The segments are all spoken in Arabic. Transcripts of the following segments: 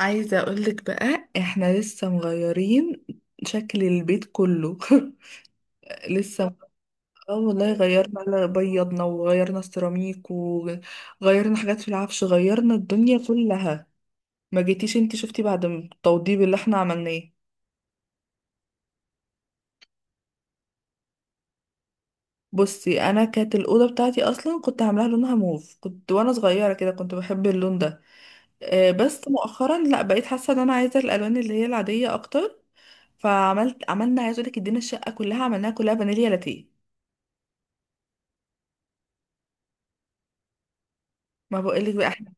عايزة اقولك بقى احنا لسه مغيرين شكل البيت كله. لسه. اه والله، غيرنا على بيضنا وغيرنا السيراميك وغيرنا حاجات في العفش، غيرنا الدنيا كلها. ما جيتيش انتي شفتي بعد التوضيب اللي احنا عملناه. بصي، انا كانت الاوضه بتاعتي اصلا كنت عاملاها لونها موف، كنت وانا صغيره كده كنت بحب اللون ده. بس مؤخرا لا، بقيت حاسه ان انا عايزه الالوان اللي هي العاديه اكتر. فعملت، عملنا، عايزه اقول لك ادينا الشقه كلها عملناها كلها فانيليا لاتيه. ما بقولك بقى، احنا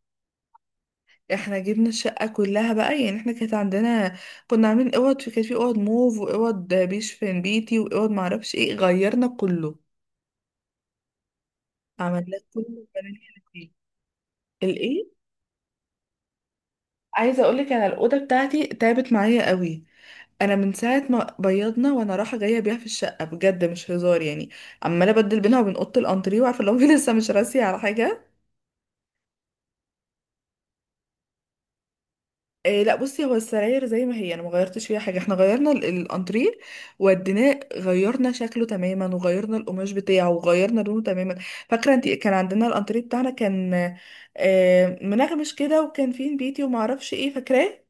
احنا جبنا الشقة كلها بقى، يعني احنا كانت عندنا، كنا عاملين اوض، في كانت في اوض موف واوض بيشفن بيتي واوض معرفش ايه، غيرنا كله عملناه كله بنينا فيه. الايه؟ عايزة اقولك انا الأوضة بتاعتي تعبت معايا قوي. انا من ساعة ما بيضنا وانا رايحة جاية بيها في الشقة، بجد مش هزار يعني. عمالة ابدل بينها وبين أوضة الانتريه، وعارفة لو لسه مش راسية على حاجة. إيه، لا بصي هو السراير زي ما هي، انا ما غيرتش فيها حاجه. احنا غيرنا الانتريه، وديناه غيرنا شكله تماما وغيرنا القماش بتاعه وغيرنا لونه تماما. فاكره انت كان عندنا الانتريه بتاعنا كان، منغمش كده، وكان فيه نبيتي وما اعرفش ايه، فاكراه؟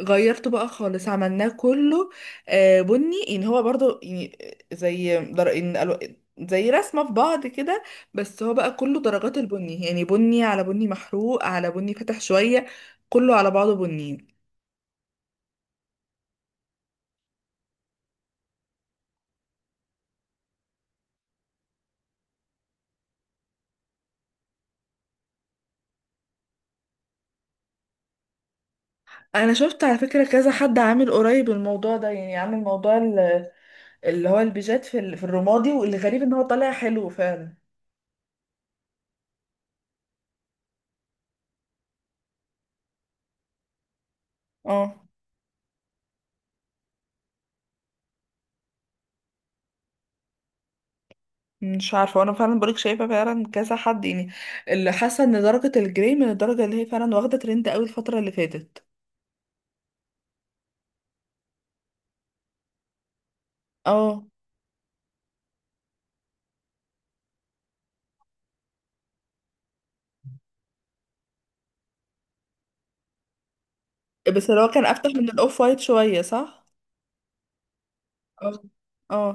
غيرته بقى خالص، عملناه كله بني يعني، هو برضو يعني زي در... إن الو- زي رسمه في بعض كده. بس هو بقى كله درجات البني، يعني بني على بني محروق على بني فاتح شويه، كله على بعضه بني. انا شفت على فكرة كذا حد عامل قريب الموضوع ده، يعني عامل موضوع اللي هو البيجات في في الرمادي، والغريب ان هو طالع حلو فعلا. اه. مش عارفة، وانا فعلا بقولك شايفة فعلا كذا حد يعني، اللي حاسة ان درجة الجري من الدرجة اللي هي فعلا واخدة ترند قوي الفترة اللي فاتت. اه، بس اللي هو كان افتح من الاوف وايت شوية صح؟ اه. اه.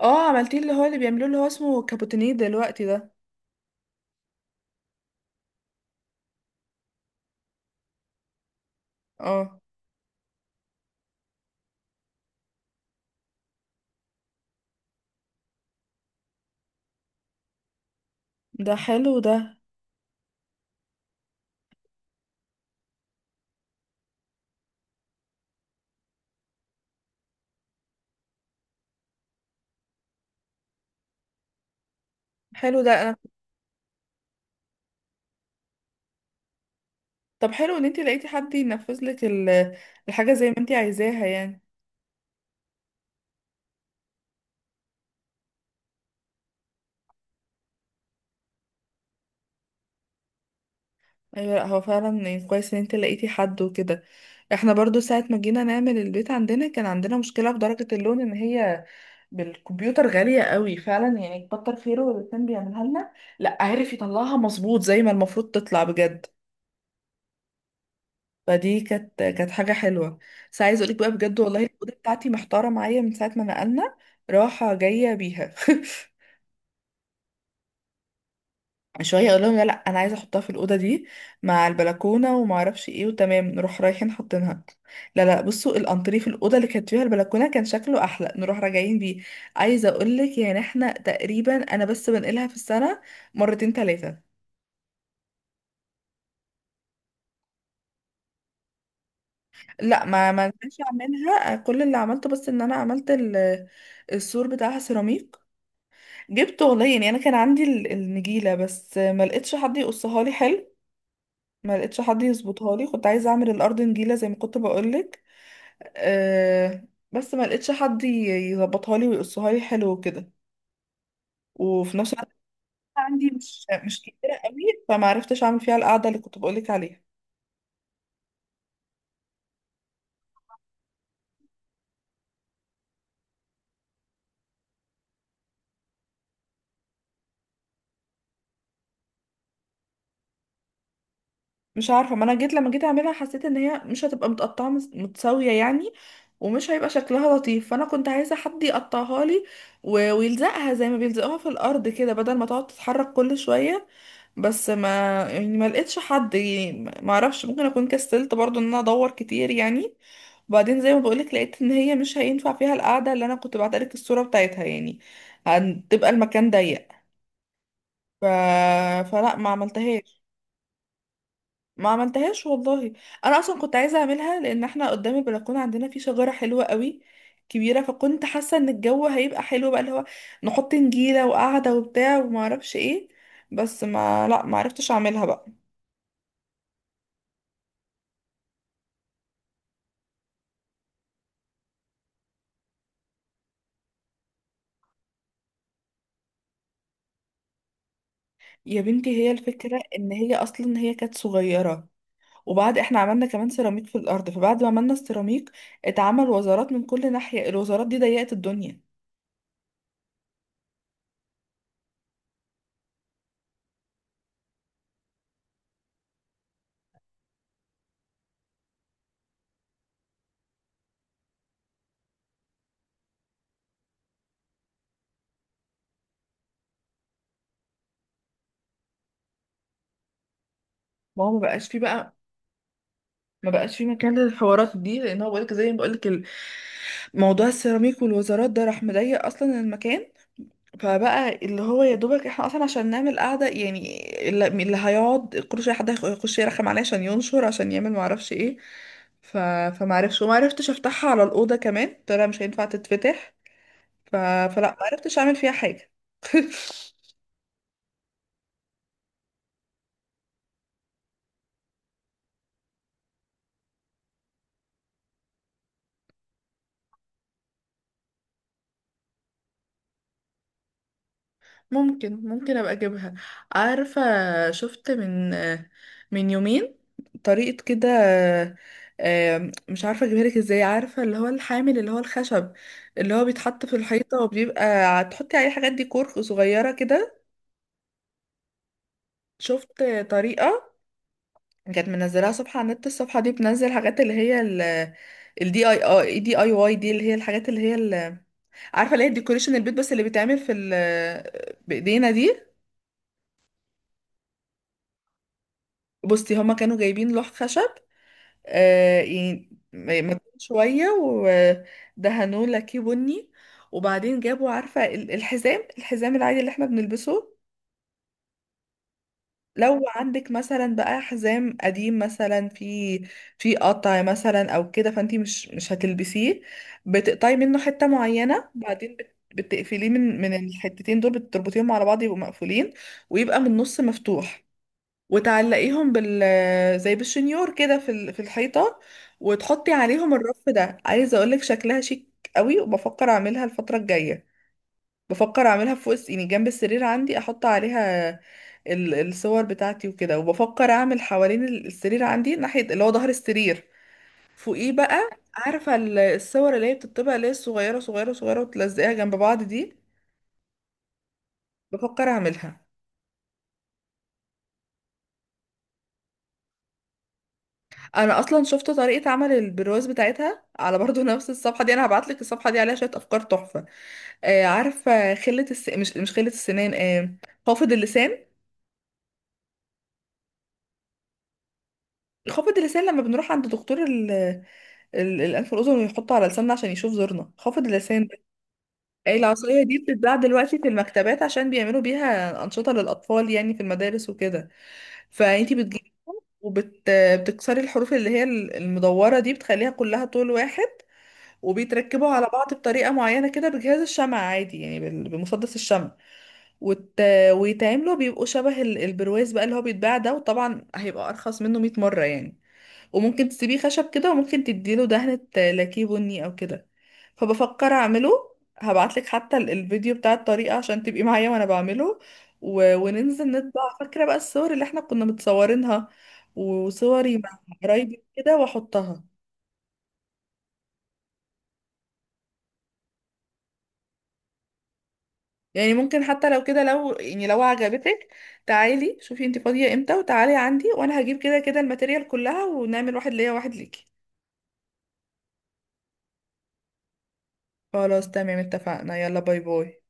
اه، عملتيه اللي هو اللي بيعملوه اللي هو اسمه كابوتينيه دلوقتي ده. اه. ده حلو ده. حلو ده. طب حلو ان انت لقيتي حد ينفذ لك الحاجه زي ما انت عايزاها يعني. ايوه، لا هو فعلا يعني كويس ان انت لقيتي حد وكده. احنا برضو ساعه ما جينا نعمل البيت عندنا كان عندنا مشكله في درجه اللون، ان هي بالكمبيوتر غاليه قوي فعلا، يعني كتر خيره اللي كان بيعملها لنا، لا عارف يطلعها مظبوط زي ما المفروض تطلع بجد. فدي كانت حاجه حلوه. بس عايز اقولك بقى، بجد والله الاوضه بتاعتي محتاره معايا من ساعه ما نقلنا، راحه جايه بيها. شويه اقول لهم لا لا انا عايزه احطها في الاوضه دي مع البلكونه وما اعرفش ايه، وتمام نروح رايحين حاطينها. لا لا، بصوا الانتريه في الاوضه اللي كانت فيها البلكونه كان شكله احلى، نروح راجعين بيه. عايزه اقول لك يعني احنا تقريبا انا بس بنقلها في السنه مرتين ثلاثه. لا، ما نفعش اعملها، كل اللي عملته بس ان انا عملت السور بتاعها سيراميك. جبت والله يعني، انا كان عندي النجيله، بس ما لقيتش حد يقصها لي حلو، ما لقيتش حد يظبطها لي. كنت عايزه اعمل الارض نجيله زي ما كنت بقول لك. أه بس ما لقيتش حد يظبطها لي ويقصها لي حلو وكده، وفي نفس الوقت أنا عندي مش كتيرة قوي، فما عرفتش اعمل فيها القعده اللي كنت بقولك عليها. مش عارفه، ما انا جيت لما جيت اعملها حسيت ان هي مش هتبقى متقطعه متساويه يعني، ومش هيبقى شكلها لطيف، فانا كنت عايزه حد يقطعها لي ويلزقها زي ما بيلزقوها في الارض كده، بدل ما تقعد تتحرك كل شويه. بس ما يعني ما لقيتش حد، يعني ما اعرفش ممكن اكون كسلت برضو ان انا ادور كتير يعني. وبعدين زي ما بقولك لقيت ان هي مش هينفع فيها القعده اللي انا كنت بعتلك الصوره بتاعتها يعني، هتبقى المكان ضيق. ف... فلا ما عملتهاش. ما عملتهاش والله. انا اصلا كنت عايزه اعملها لان احنا قدام البلكونه عندنا في شجره حلوه قوي كبيره، فكنت حاسه ان الجو هيبقى حلو بقى، اللي هو نحط نجيله وقعده وبتاع وما اعرفش ايه، بس ما عرفتش اعملها بقى. يا بنتي هي الفكرة ان هي اصلا هي كانت صغيرة، وبعد احنا عملنا كمان سيراميك في الارض، فبعد ما عملنا السيراميك اتعمل وزارات من كل ناحية، الوزارات دي ضيقت الدنيا. ما هو ما بقاش فيه بقى. ما بقاش فيه مكان للحوارات دي، لان هو بقولك زي ما بقولك موضوع السيراميك والوزارات ده راح مضيق اصلا المكان، فبقى اللي هو يا دوبك احنا اصلا عشان نعمل قعده يعني، اللي اللي هيقعد كل شويه حد يخش يرخم عليا عشان ينشر، عشان يعمل معرفش ايه. ف... فمعرفش، ومعرفتش افتحها على الاوضه كمان، طلع مش هينفع تتفتح. ف... فلا، معرفتش اعمل فيها حاجه. ممكن ابقى اجيبها. عارفة، شفت من يومين طريقة كده. مش عارفة اجيبها لك ازاي، عارفة اللي هو الحامل اللي هو الخشب اللي هو بيتحط في الحيطة وبيبقى تحطي عليه حاجات ديكور صغيرة كده. شفت طريقة كانت منزلاها صفحة على النت، الصفحة دي بتنزل حاجات اللي هي الدي اي اي، دي اي واي، دي اللي هي الحاجات اللي هي عارفة اللي هي الديكوريشن البيت، بس اللي بيتعمل في بإيدينا دي. بصي هما كانوا جايبين لوح خشب، يعني مجهود شوية، ودهنوه لاكيه بني، وبعدين جابوا عارفة الحزام، الحزام العادي اللي احنا بنلبسه. لو عندك مثلا بقى حزام قديم مثلا في في قطع مثلا او كده، فانتي مش هتلبسيه، بتقطعي منه حتة معينة، بعدين بتقفليه من الحتتين دول، بتربطيهم على بعض يبقوا مقفولين، ويبقى من النص مفتوح، وتعلقيهم بال زي بالشنيور كده في في الحيطة، وتحطي عليهم الرف ده. عايزة اقولك شكلها شيك قوي، وبفكر اعملها الفترة الجاية. بفكر اعملها فوق يعني جنب السرير عندي، احط عليها الصور بتاعتي وكده. وبفكر اعمل حوالين السرير عندي ناحية اللي هو ظهر السرير، فوقيه بقى، عارفة الصور اللي هي بتطبع اللي هي الصغيرة صغيرة صغيرة، وتلزقيها جنب بعض دي. بفكر اعملها. انا اصلا شفت طريقه عمل البرواز بتاعتها على برضو نفس الصفحه دي. انا هبعت لك الصفحه دي، عليها شويه افكار تحفه. آه عارفه، خله الس... مش مش خله السنان، آه خافض اللسان. خافض اللسان لما بنروح عند دكتور الانف والاذن ويحطه على لساننا عشان يشوف زورنا، خافض اللسان ده. آه، العصايه دي بتتباع دلوقتي في المكتبات، عشان بيعملوا بيها انشطه للاطفال يعني في المدارس وكده. فانتي بتجيبي وبتكسري الحروف اللي هي المدوره دي، بتخليها كلها طول واحد، وبيتركبوا على بعض بطريقة معينة كده بجهاز الشمع عادي يعني بمسدس الشمع. وت... ويتعملوا بيبقوا شبه البرواز بقى اللي هو بيتباع ده، وطبعا هيبقى أرخص منه 100 مرة يعني، وممكن تسيبيه خشب كده، وممكن تديله دهنة لاكيه بني أو كده، فبفكر أعمله. هبعتلك حتى الفيديو بتاع الطريقة عشان تبقي معايا وأنا بعمله. وننزل نطبع، فاكرة بقى الصور اللي احنا كنا متصورينها وصوري مع قرايبي كده وأحطها. يعني ممكن حتى لو كده لو يعني لو عجبتك، تعالي شوفي انت فاضية امتى وتعالي عندي، وانا هجيب كده كده الماتيريال كلها، ونعمل واحد ليا واحد ليكي. خلاص تمام اتفقنا، يلا باي باي.